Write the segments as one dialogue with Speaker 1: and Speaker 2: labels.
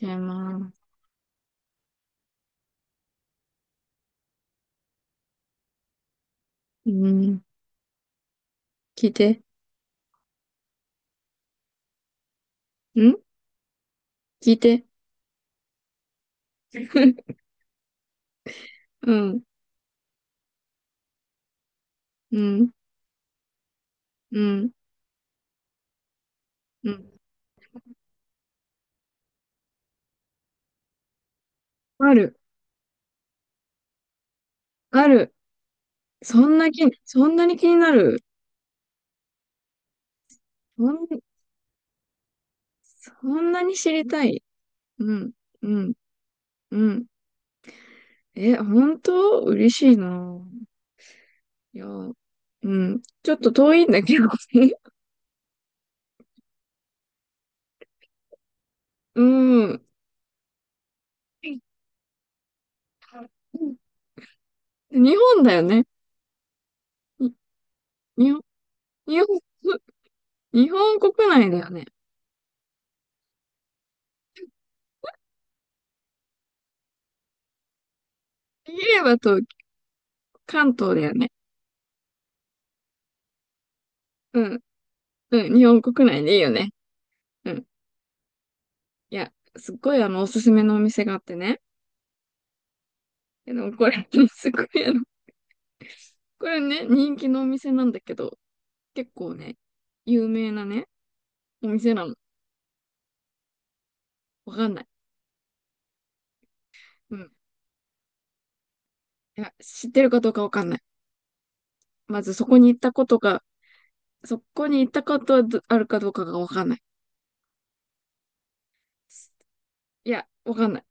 Speaker 1: 違います。うん。聞いて。ん、聞いて。うん。うん。うん。うん。ある。ある。そんなに気になる？そん、そんなに知りたい？うん。うん。うん。え、本当嬉しいな。いや、うん。ちょっと遠いんだけど。うん。日本だよね。に日本、日本、日本国内だよね。言えばと関東だよね。うんうん、日本国内でいいよね。うん。いや、すっごいおすすめのお店があってね。でもこれ、すごいこれね、人気のお店なんだけど、結構ね、有名なね、お店なの。わかんない。うん。いや、知ってるかどうかわかんない。まずそこに行ったことが、そこに行ったことはあるかどうかがわかんない。いや、わかんない。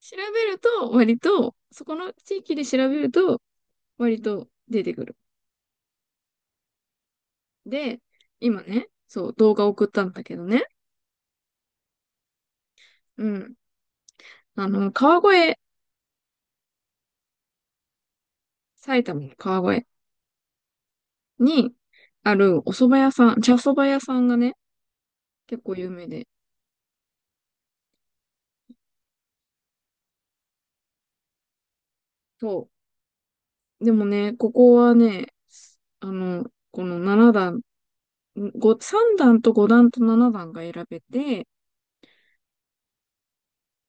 Speaker 1: 調べると、割と、そこの地域で調べると、割と出てくる。で、今ね、そう、動画送ったんだけどね。うん。川越、埼玉の川越にあるお蕎麦屋さん、茶蕎麦屋さんがね、結構有名で。そう。でもね、ここはね、あの、この7段、3段と5段と7段が選べて、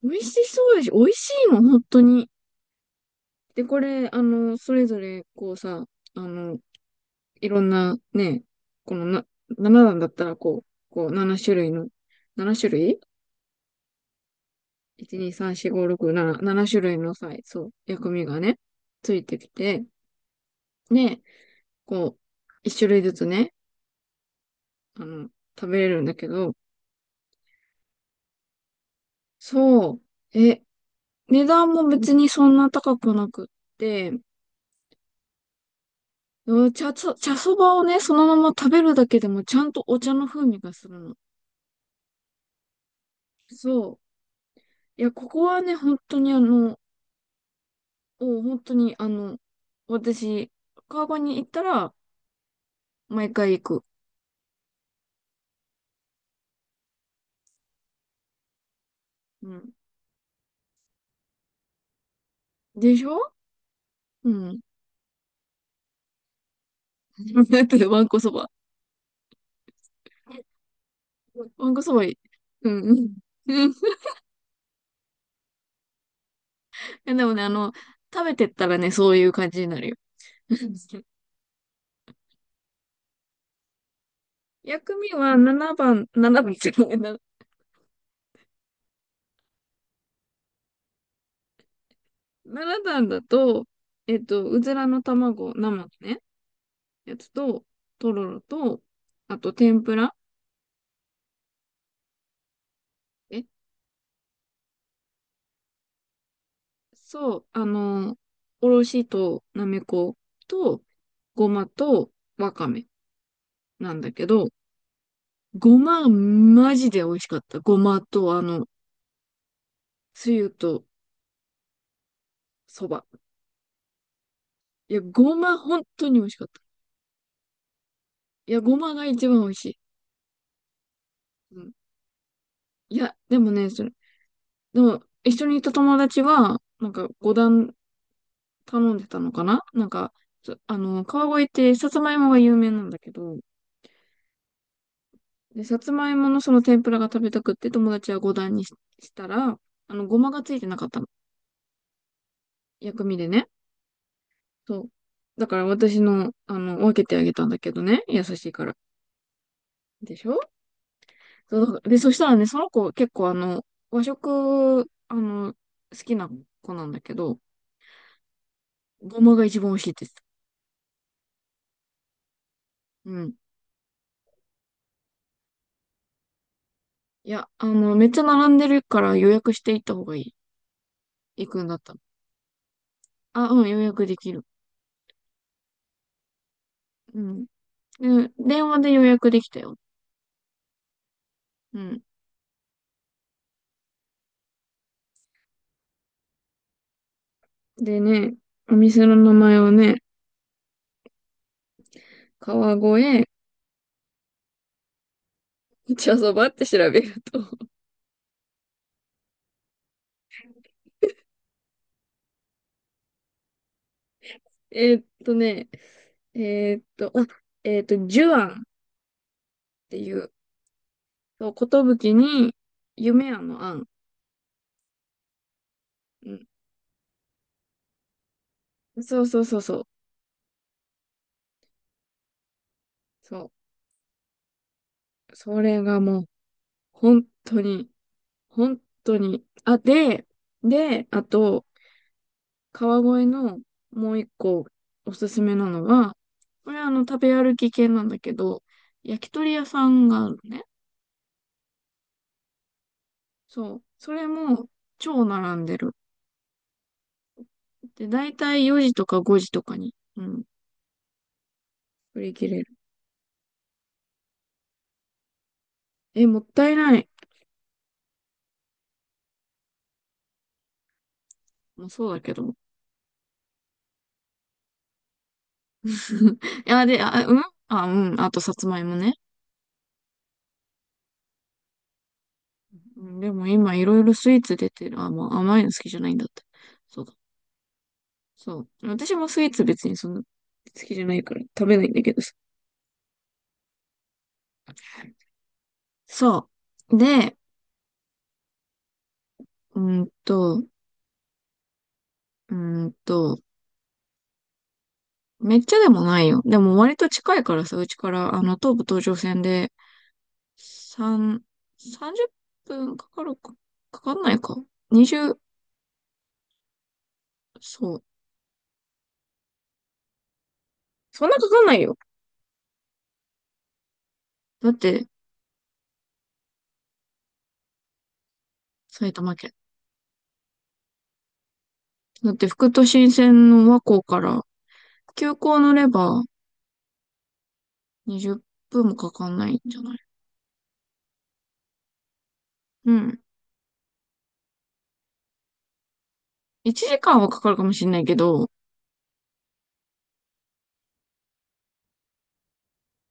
Speaker 1: 美味しいの、本当に。で、これ、それぞれ、こうさ、あの、いろんなね、このな、7段だったら、こう、こう、7種類の、7種類、1、2、3、4、5、6、7、7種類のそう、薬味がね、ついてきて、で、こう、1種類ずつね、あの、食べれるんだけど、そう、え、値段も別にそんな高くなくって、うん。茶そばをね、そのまま食べるだけでもちゃんとお茶の風味がするの。そう。いや、ここはね、本当に、私、川越に行ったら、毎回行く。うん。でしょ。うん。だってわんこそば。わんこそばいい。うん。うん。うん。いや、でもね、食べてったらね、そういう感じになるよ。薬味は7番、7番っていうのかな、なな段だと、うずらの卵、生のね、やつと、とろろと、あと天ぷら、え、そう、おろしとなめこと、ごまとわかめなんだけど、ごま、マジで美味しかった。ごまと、つゆと、そば。いや、ごま本当に美味しかった。いや、ごまが一番美味しい。うん。いや、でもね、でも、一緒にいた友達は、なんか五段頼んでたのかななんか、そあの、川越ってさつまいもが有名なんだけど、で、さつまいものその天ぷらが食べたくって友達は五段にしたら、ごまがついてなかったの。薬味でね。そう。だから私の、分けてあげたんだけどね。優しいから。でしょ。そうで、そしたらね、その子結構和食、好きな子なんだけど、ごまが一番美味しいです。うん。いや、めっちゃ並んでるから予約していった方がいい。行くんだったら。うん、予約できる。うん。で、電話で予約できたよ。うん。でね、お店の名前をね、川越茶そばって調べると。 ね、えーっと、あ、えーっと、寿庵っていう、そう、寿に夢庵の庵。そうそうそうそう。そう。それがもう、本当に、本当に。で、あと、川越のもう一個おすすめなのは、これは食べ歩き系なんだけど、焼き鳥屋さんがあるのね。そう。それも、超並んでる。で、だいたい4時とか5時とかに、うん、売り切れる。え、もったいない。もうそうだけど。いや、で、うん。うん。あと、さつまいもね。うん。でも今いろいろスイーツ出てる。まあ甘いの好きじゃないんだって。そうだ。そう。私もスイーツ別にそんな好きじゃないから食べないんだけどさ。そう。で、うーんと、めっちゃでもないよ。でも割と近いからさ、うちから、東武東上線で、三30分かかるか、かかんないか。20、そう。そんなかかんないよ。だって、埼玉県。だって、副都心線の和光から、急行乗れば、20分もかかんないんじゃない？うん。1時間はかかるかもしれないけど、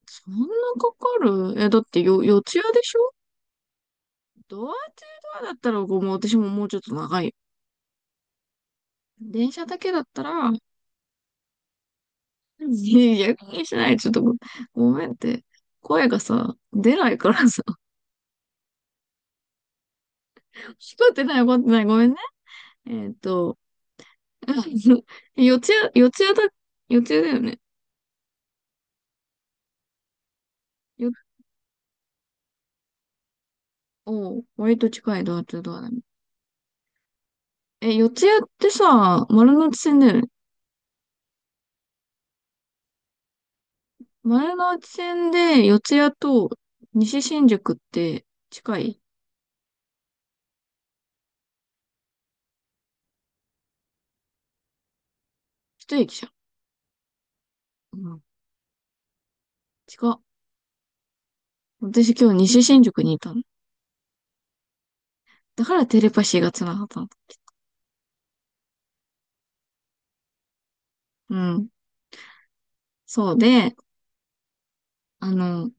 Speaker 1: そんなかかるえ、だってよ、四ツ谷でしょ？ドアツードアだったら、ごめん、私ももうちょっと長いよ。電車だけだったら、いや、逆にしない。ちょっとごめんって。声がさ、出ないからさ。聞こえてない、聞こえてない。ごめんね。えっと、四ツ谷、四ツ谷だ、四ツ谷だよね。よ、おう、割と近いドアツードアだね。四ツ谷ってさ、丸ノ内線だよね。前の内線で四谷と西新宿って近い一駅じゃん。うん。近っ。私今日西新宿にいたの。だからテレパシーが繋がったの。うん。そうで、あの、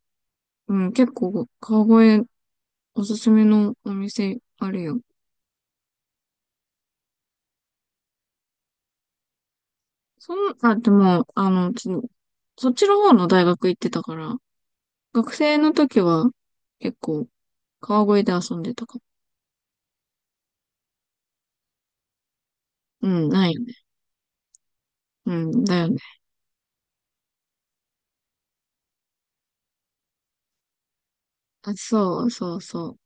Speaker 1: うん、結構川越おすすめのお店あるよ。そん、あ、でも、そっちの方の大学行ってたから、学生の時は結構川越で遊んでたかも。うん、ないよね。うん、だよね。そうそうそう。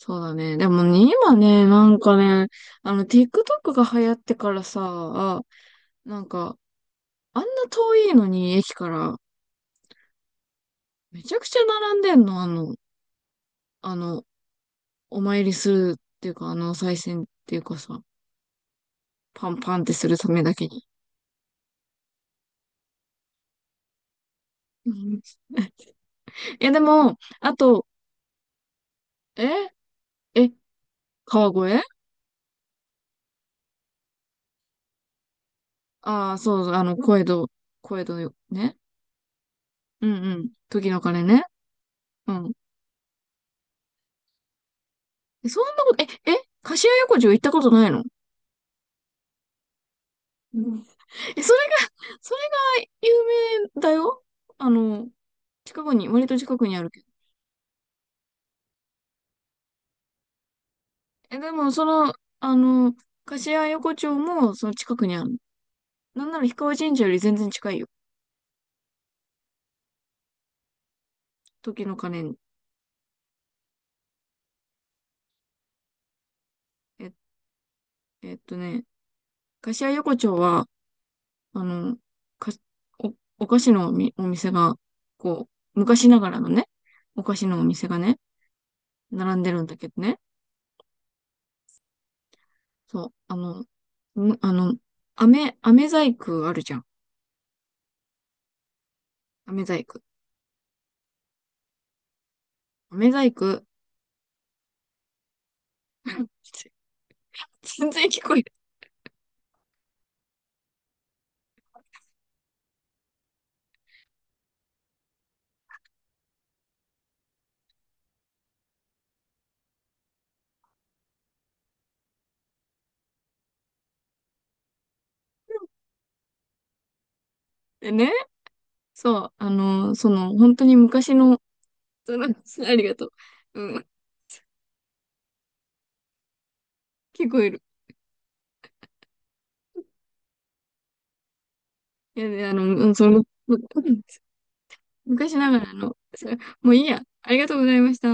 Speaker 1: そうだね。でもね、今ね、なんかね、TikTok が流行ってからさ、なんか、あんな遠いのに駅から、めちゃくちゃ並んでんの、あの、お参りするっていうか、お賽銭っていうかさ、パンパンってするためだけに。うん。いや、でも、あと、ええ川越ああー、そうそう、小江戸、小江戸よ、ね。うんうん。時の鐘ね。うん。そんなこと、柏屋横丁行ったことないの？え、それが、それが有名だよ。あの、近くに、割と近くにあるけど。でも、あの、柏横丁も、その近くにある。なんなら氷川神社より全然近いよ。時の鐘に。え、えっとね、柏横丁は、あの、か、お、お菓子のおみ、お店が、こう、昔ながらのね、お菓子のお店がね、並んでるんだけどね。そう、あの、むあの、飴細工あるじゃん。飴細工。飴細工。全然聞こえてね。そう、本当に昔の、その、ありがとう。うん、聞こえる。いや、で、うん、うん、昔ながらの、それもういいや。ありがとうございました。